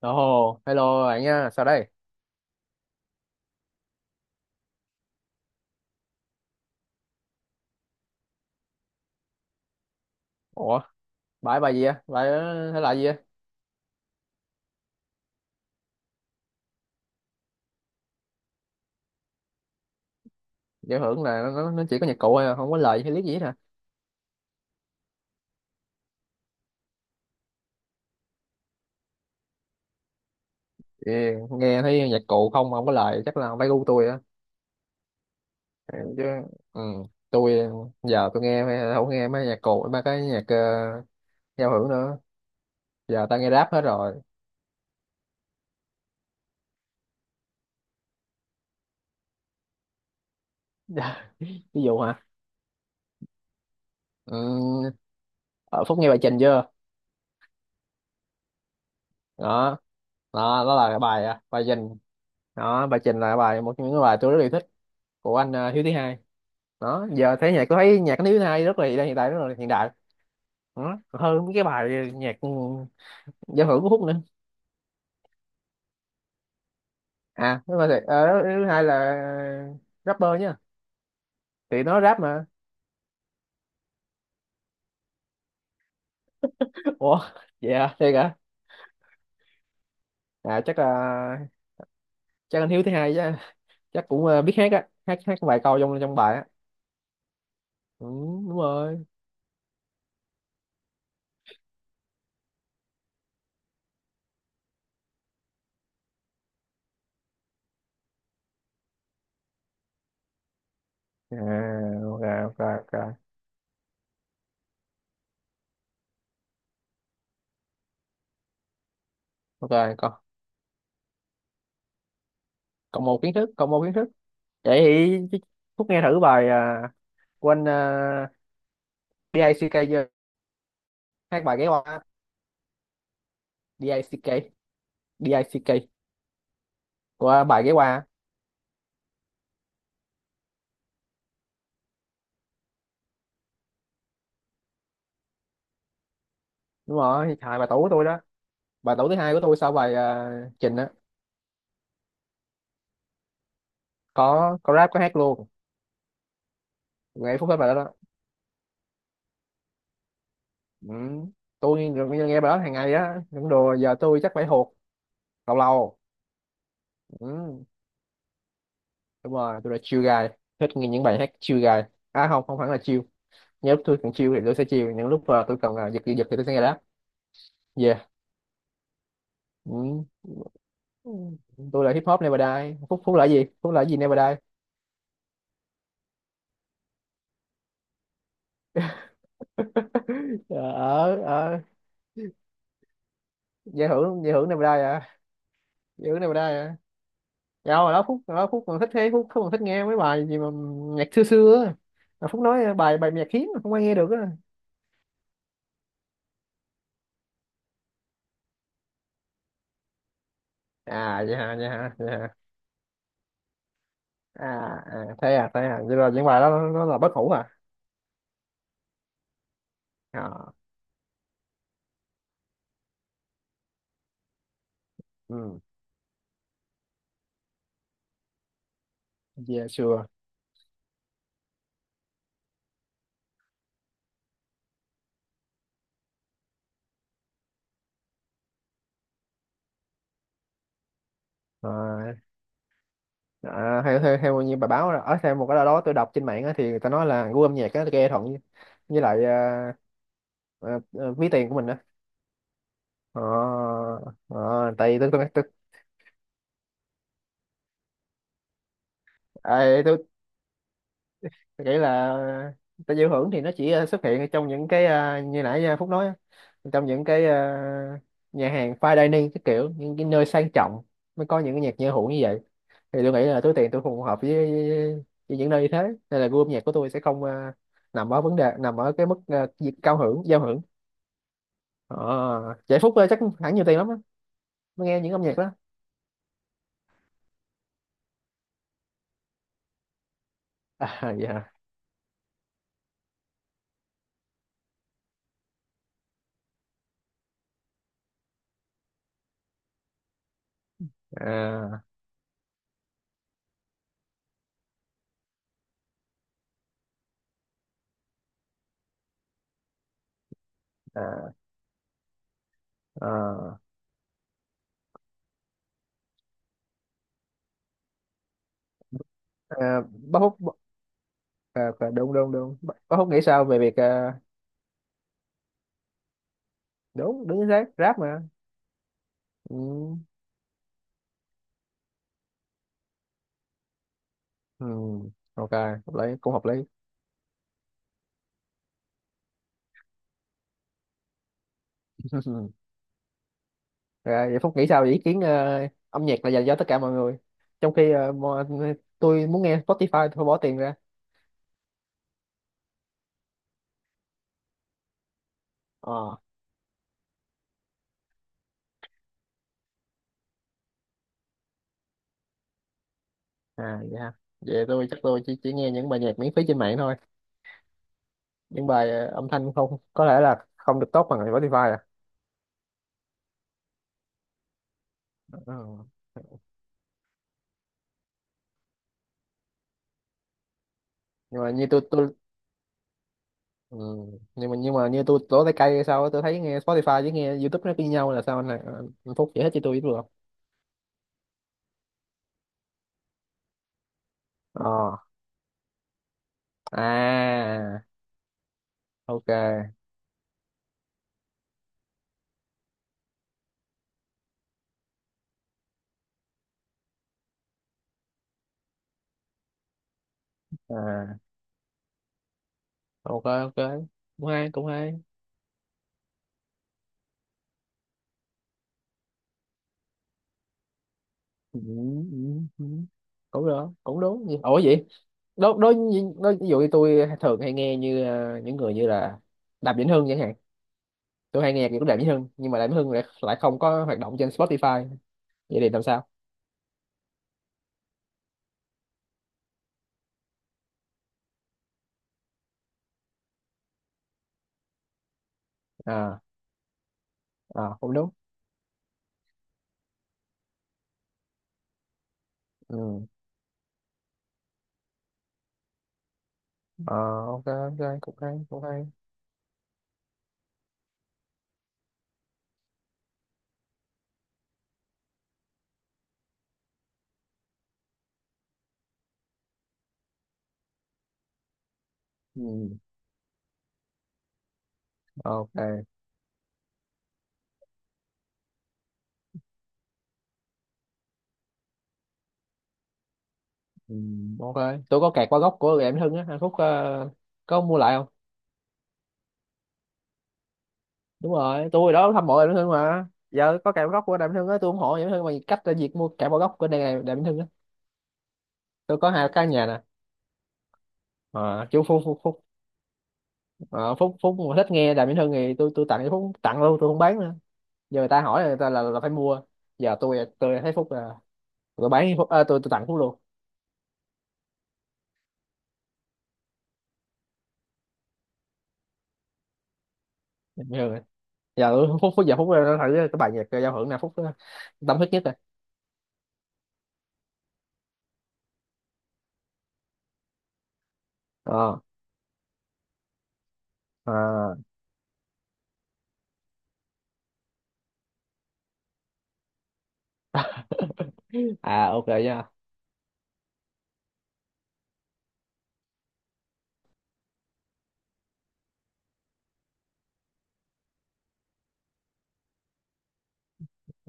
Ồ, hello bạn nha, sao đây? Ủa, bài bài gì á? Bài thể loại gì á? Giải thưởng là nó chỉ có nhạc cụ thôi, à, không có lời hay lý gì hết hả? Thì nghe thấy nhạc cụ không có lời chắc là không phải gu tôi á. Ừ, chứ, ừ, tôi giờ tôi nghe mấy- không nghe mấy nhạc cụ, mấy cái nhạc giao hưởng nữa. Giờ tao nghe rap hết rồi. Ví dụ hả? Ừ, ở Phúc nghe bài Trình chưa? Đó, đó là cái bài à, bài Trình. Đó, bài Trình là bài một trong những cái bài tôi rất yêu thích của anh Hiếu thứ hai. Đó giờ thấy nhạc tôi thấy nhạc nước hai rất là hiện đại, rất là hiện đại đó, còn hơn mấy cái bài nhạc giao hưởng của Phúc nữa. À thứ hai là rapper nhá. Thì nó rap mà. Ủa, vậy à, thiệt hả? À chắc là, chắc anh Hiếu thứ hai chứ, chắc cũng biết hát á, hát hát vài câu trong trong bài á. Ừ, đúng rồi. À, ok ok ok ok. Còn, còn một kiến thức, còn một kiến thức. Vậy thì Phúc nghe thử bài à, của anh DICK chưa, hát bài ghé qua. DICK, DICK, của bài ghé qua. Đúng rồi, hai bài tủ của tôi đó. Bài tủ thứ hai của tôi sau bài à, trình á. Có rap, có hát luôn. Nghe phút hết bài đó, đó. Ừ. tôi nghe, nghe bài đó hàng ngày á, những đồ giờ tôi chắc phải hụt lâu lâu. Ừ. Đúng rồi, tôi là chill guy, thích nghe những bài hát chill guy. À không, không hẳn là chill. Những lúc tôi cần chill thì tôi sẽ chill, những lúc à, tôi cần à, giật giật thì tôi sẽ nghe rap. Yeah. Ừ. Ừ. Tôi là hip hop Never Die, Phúc Phúc là gì, Phúc là gì Never Die. Ờ ờ, giải thưởng, giải thưởng này đây à, giải thưởng này đây à. Dạ hồi đó Phúc, hồi đó Phúc còn thích thế, Phúc Phúc còn thích nghe mấy bài gì mà nhạc xưa xưa á, mà Phúc nói bài bài nhạc hiếm mà không ai nghe được á. À vậy hả, vậy hả, vậy hả? À, à thế à, thế à, vậy là những bài đó nó là bất hủ à? À ừ, yeah sure. À, à, theo theo theo như bài báo ở theo một cái nào đó tôi đọc trên mạng á, thì người ta nói là gu âm nhạc á nghe thuận với lại à, à, à, ví tiền của mình á. Ờ, tại vì tôi, tôi nghĩ là ta giao hưởng thì nó chỉ xuất hiện ở trong những cái như nãy Phúc nói á, trong những cái nhà hàng fine dining, cái kiểu những cái nơi sang trọng mới có những cái nhạc giao hưởng như vậy. Thì tôi nghĩ là túi tiền tôi phù hợp với những nơi như thế, nên là gu âm nhạc của tôi sẽ không nằm ở vấn đề, nằm ở cái mức việc cao hưởng, giao hưởng. Ờ, vậy Phúc chắc hẳn nhiều tiền lắm á mới nghe những âm nhạc đó. À dạ. À à à, à bác Phúc, à, phải- đúng đúng đúng, bác Phúc nghĩ sao về việc đúng đúng chính xác, rap mà. Ừ. Ừ. Ok hợp lý, cũng hợp lý. Rồi, vậy Phúc nghĩ sao về ý kiến âm nhạc là dành cho tất cả mọi người, trong khi tôi muốn nghe Spotify tôi phải bỏ tiền ra. Ờ. À vậy ha. Vậy tôi chắc tôi chỉ nghe những bài nhạc miễn phí trên mạng thôi, những bài âm thanh không có lẽ là không được tốt bằng Spotify à. Ừ. nhưng mà như tôi, ừ. Nhưng mà như tôi lỗ tay cây hay sao á, tôi thấy nghe Spotify với nghe YouTube nó như nhau là sao anh Phúc giải thích cho tôi biết được không? Ờ. À. Ok. À ok ok, cũng hay cũng hay. Ừ, ừ, ừ. Cũng được, cũng đúng. Ủa vậy, đối đối đối ví dụ như tôi thường hay nghe như những người như là Đàm Vĩnh Hưng chẳng hạn. Tôi hay nghe nhạc của Đàm Vĩnh Hưng, nhưng mà Đàm Vĩnh Hưng lại lại không có hoạt động trên Spotify. Vậy thì làm sao? À à cũng đúng. Ừ. Ờ, ok ok, cũng hay cũng hay. Ừ. Ok. Ừ, ok. Tôi có kẹt qua gốc của Đàm Vĩnh Hưng á anh Phúc, có mua lại không? Đúng rồi, tôi đó hâm mộ Đàm Vĩnh Hưng mà, giờ có cạm góc của Đàm Vĩnh Hưng á, tôi ủng hộ Đàm Vĩnh Hưng bằng cách là việc mua cạm góc của đàm đàm vĩnh hưng á. Tôi có hai căn nhà nè. À, chú phúc phúc phúc ờ, phúc phúc mà thích nghe Đàm Vĩnh Hưng thì tôi tặng cho phúc, tặng luôn, tôi không bán nữa. Giờ người ta hỏi là người ta là phải mua, giờ tôi thấy phúc là, tôi bán phúc à, tôi tặng phúc luôn. Đàm Vĩnh Hưng này. Giờ tôi- phúc phúc giờ phúc nó thử cái bài nhạc giao hưởng nào phúc tâm huyết nhất rồi. Ờ. À, à ok nha.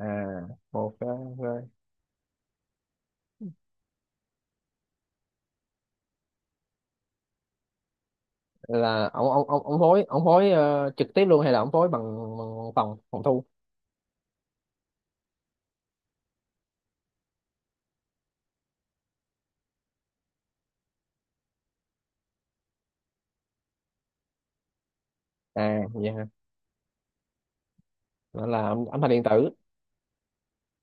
À, ok ok. Là ông phối trực tiếp luôn hay là ông phối bằng, bằng phòng phòng thu? À vậy hả. Đó là âm thanh điện tử,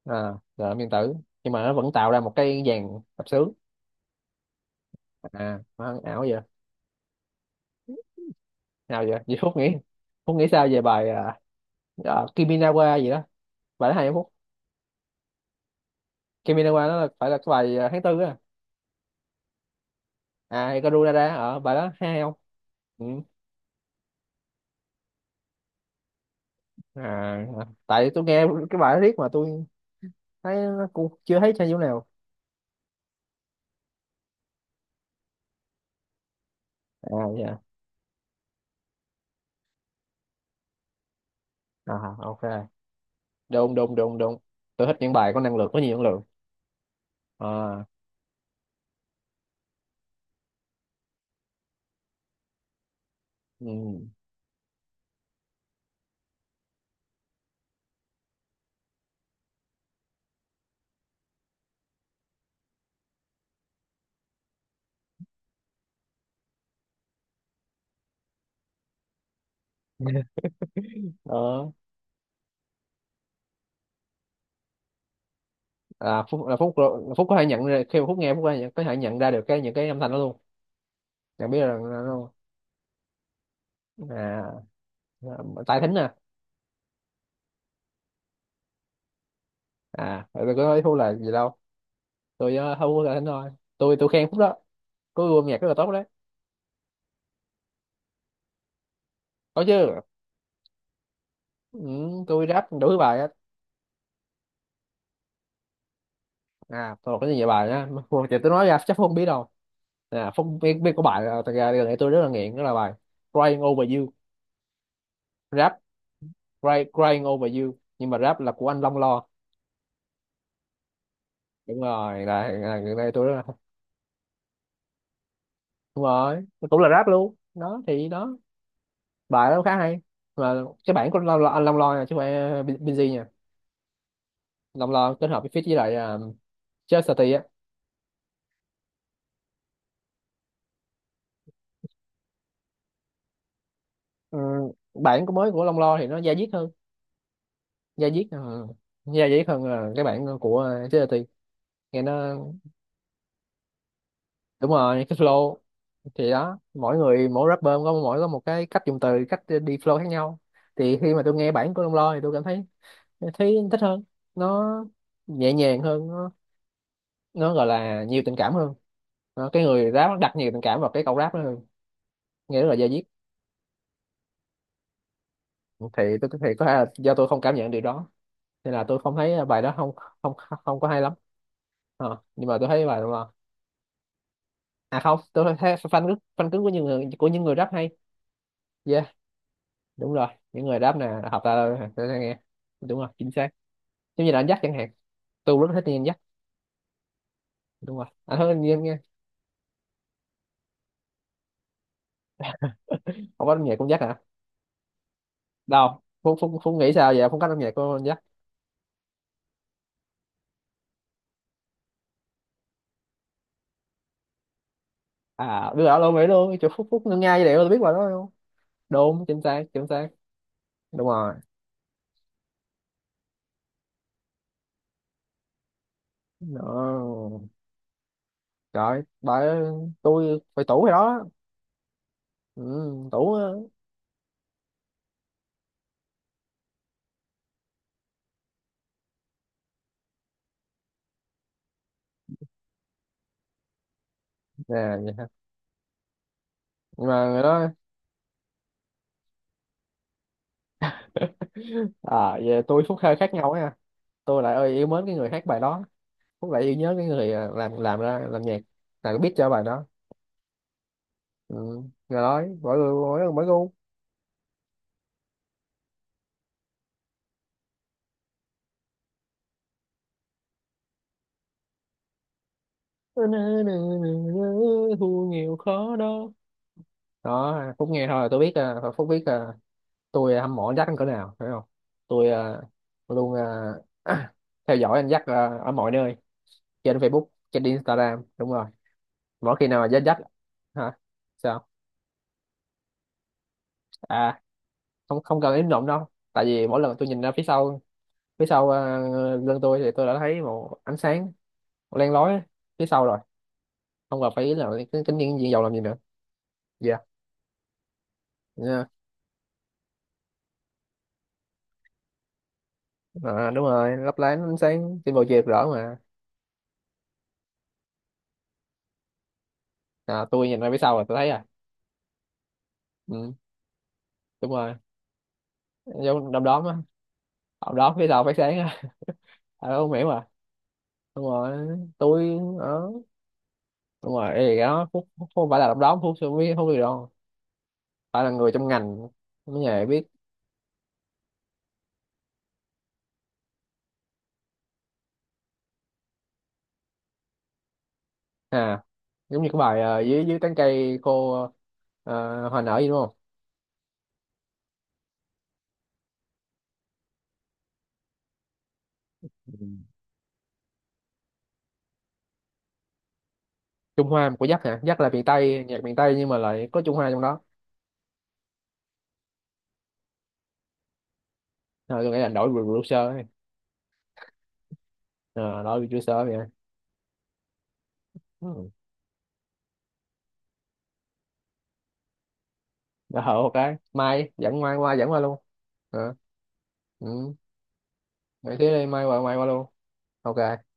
à là âm điện tử, nhưng mà nó vẫn tạo ra một cái dàn tập sướng. À nó ảo vậy, nào vậy, Phúc nghĩ sao về bài à, à, Kiminawa gì đó, bài đó hay không Phúc? Kiminawa nó là, phải là cái bài à, tháng tư á. À Ikaruda ở, bài đó hay không? Ừ. À, à, tại tôi nghe cái bài đó riết mà tôi thấy nó cũng chưa thấy sao nhiêu nào. À dạ. À ok, đúng đúng đúng đúng. Tôi thích những bài có năng lượng, có nhiều năng lượng. À. Ừ. Đó, à, phúc là phúc rồi- phúc có thể nhận ra khi mà phúc nghe, phúc có thể nhận ra được cái những cái âm thanh đó luôn, nhận biết là nó luôn. À, à, tài thính à. À tôi có nói phúc là gì đâu, tôi không có tài thính thôi, tôi khen phúc đó, có gu âm nhạc rất là tốt đấy. Có chứ. Ừ, tôi rap đủ thứ bài á. À tôi học rất nhiều bài á Phúc- thì tôi nói ra chắc phúc không biết đâu. À phúc biết biết có bài là, thật ra gần đây tôi rất là nghiện đó là bài Crying Over You. Rap. Crying, crying over you, nhưng mà rap là của anh Long Lo. Đúng rồi, là người này tôi rất là, đúng rồi, nó cũng là rap luôn đó thì đó. Bài đó khá hay mà. Cái bản của Long Lo, anh Long Lo nha, chứ không phải Bin- Binz nha. Long Lo kết hợp với feat với lại Chastity á. Ừ, bản của mới của Long Lo thì nó da diết hơn. Da diết da diết hơn là cái bản của Chastity. Nghe nó, đúng rồi, cái flow. Thì đó, mỗi người mỗi rapper có mỗi có một cái cách dùng từ, cách đi flow khác nhau. Thì khi mà tôi nghe bản của Long Lo thì tôi cảm thấy, thấy thích hơn, nó nhẹ nhàng hơn, nó gọi là nhiều tình cảm hơn. Đó, cái người rap nó đặt nhiều tình cảm vào cái câu rap đó hơn, nghe rất là da diết. Thì tôi thì có thể là do tôi không cảm nhận điều đó, nên là tôi không thấy bài đó không không không có hay lắm. Ờ, nhưng mà tôi thấy bài Long Lo, à không, tôi thấy fan cứng, fan cứng của những người, của những người rap hay. Yeah, đúng rồi. Những người rap nè hợp ta tôi sẽ nghe, đúng rồi chính xác. Giống như là anh dắt chẳng hạn, tôi rất thích nghe anh dắt. Đúng rồi, anh thích nghe nghe. Không có âm nhạc cũng dắt hả? Đâu phúc, phúc phúc nghĩ sao vậy, không có âm nhạc của anh dắt. À đưa ở luôn nghĩ luôn chỗ, phúc phúc ngân nga vậy tôi biết rồi đó không? Đúng chính xác chính xác. Đúng rồi, đó, trời bà, tôi phải tủ rồi đó. Ừ, tủ á. Nè, vậy ha. Nhưng mà người đó, à về tôi phúc hơi khác nhau nha, tôi lại ơi yêu mến cái người hát bài đó, phúc lại yêu nhớ cái người à, làm nhạc là biết cho bài đó. Ừ. Rồi nói mỗi người mỗi gu. Thu nhiều khó đó, đó Phúc nghe thôi là tôi biết à, Phúc biết à, tôi hâm mộ anh Jack đến cỡ nào phải không? Tôi à, luôn, à, theo dõi anh Jack à, ở mọi nơi, trên Facebook trên Instagram, đúng rồi. Mỗi khi nào mà Jack Jack hả sao? À, không không cần im lặng đâu, tại vì mỗi lần tôi nhìn ra phía sau à, lưng tôi thì tôi đã thấy một ánh sáng len lói phía sau rồi, không cần phải ý là cái nhiên diện dầu làm gì nữa. Dạ. Nha, à, đúng rồi lấp lánh ánh sáng trên bầu trời rõ mà. À, tôi nhìn ra phía sau là tôi thấy à. Ừ, đúng rồi, giống đom đóm á, đom đóm phía sau phát sáng á. À, không hiểu à, đúng rồi, tôi đó, đúng rồi. Ê, cái đó Phúc, Phúc không phải là đom đóm, Phúc không biết đâu, phải là người trong ngành mới nghề biết. À giống như cái bài ờ, dưới dưới tán cây cô hoa nở gì đúng không. Ừ. Trung Hoa của Dắt hả, Dắt là miền Tây, nhạc miền Tây nhưng mà lại có Trung Hoa trong đó. À, tôi nghĩ là đổi producer ấy. À, đổi producer vậy. Ừ. Dạ hậu một cái mai dẫn, mai qua dẫn qua luôn. Hả? Ừ. Vậy thế đây mai qua, mai qua luôn. Ok.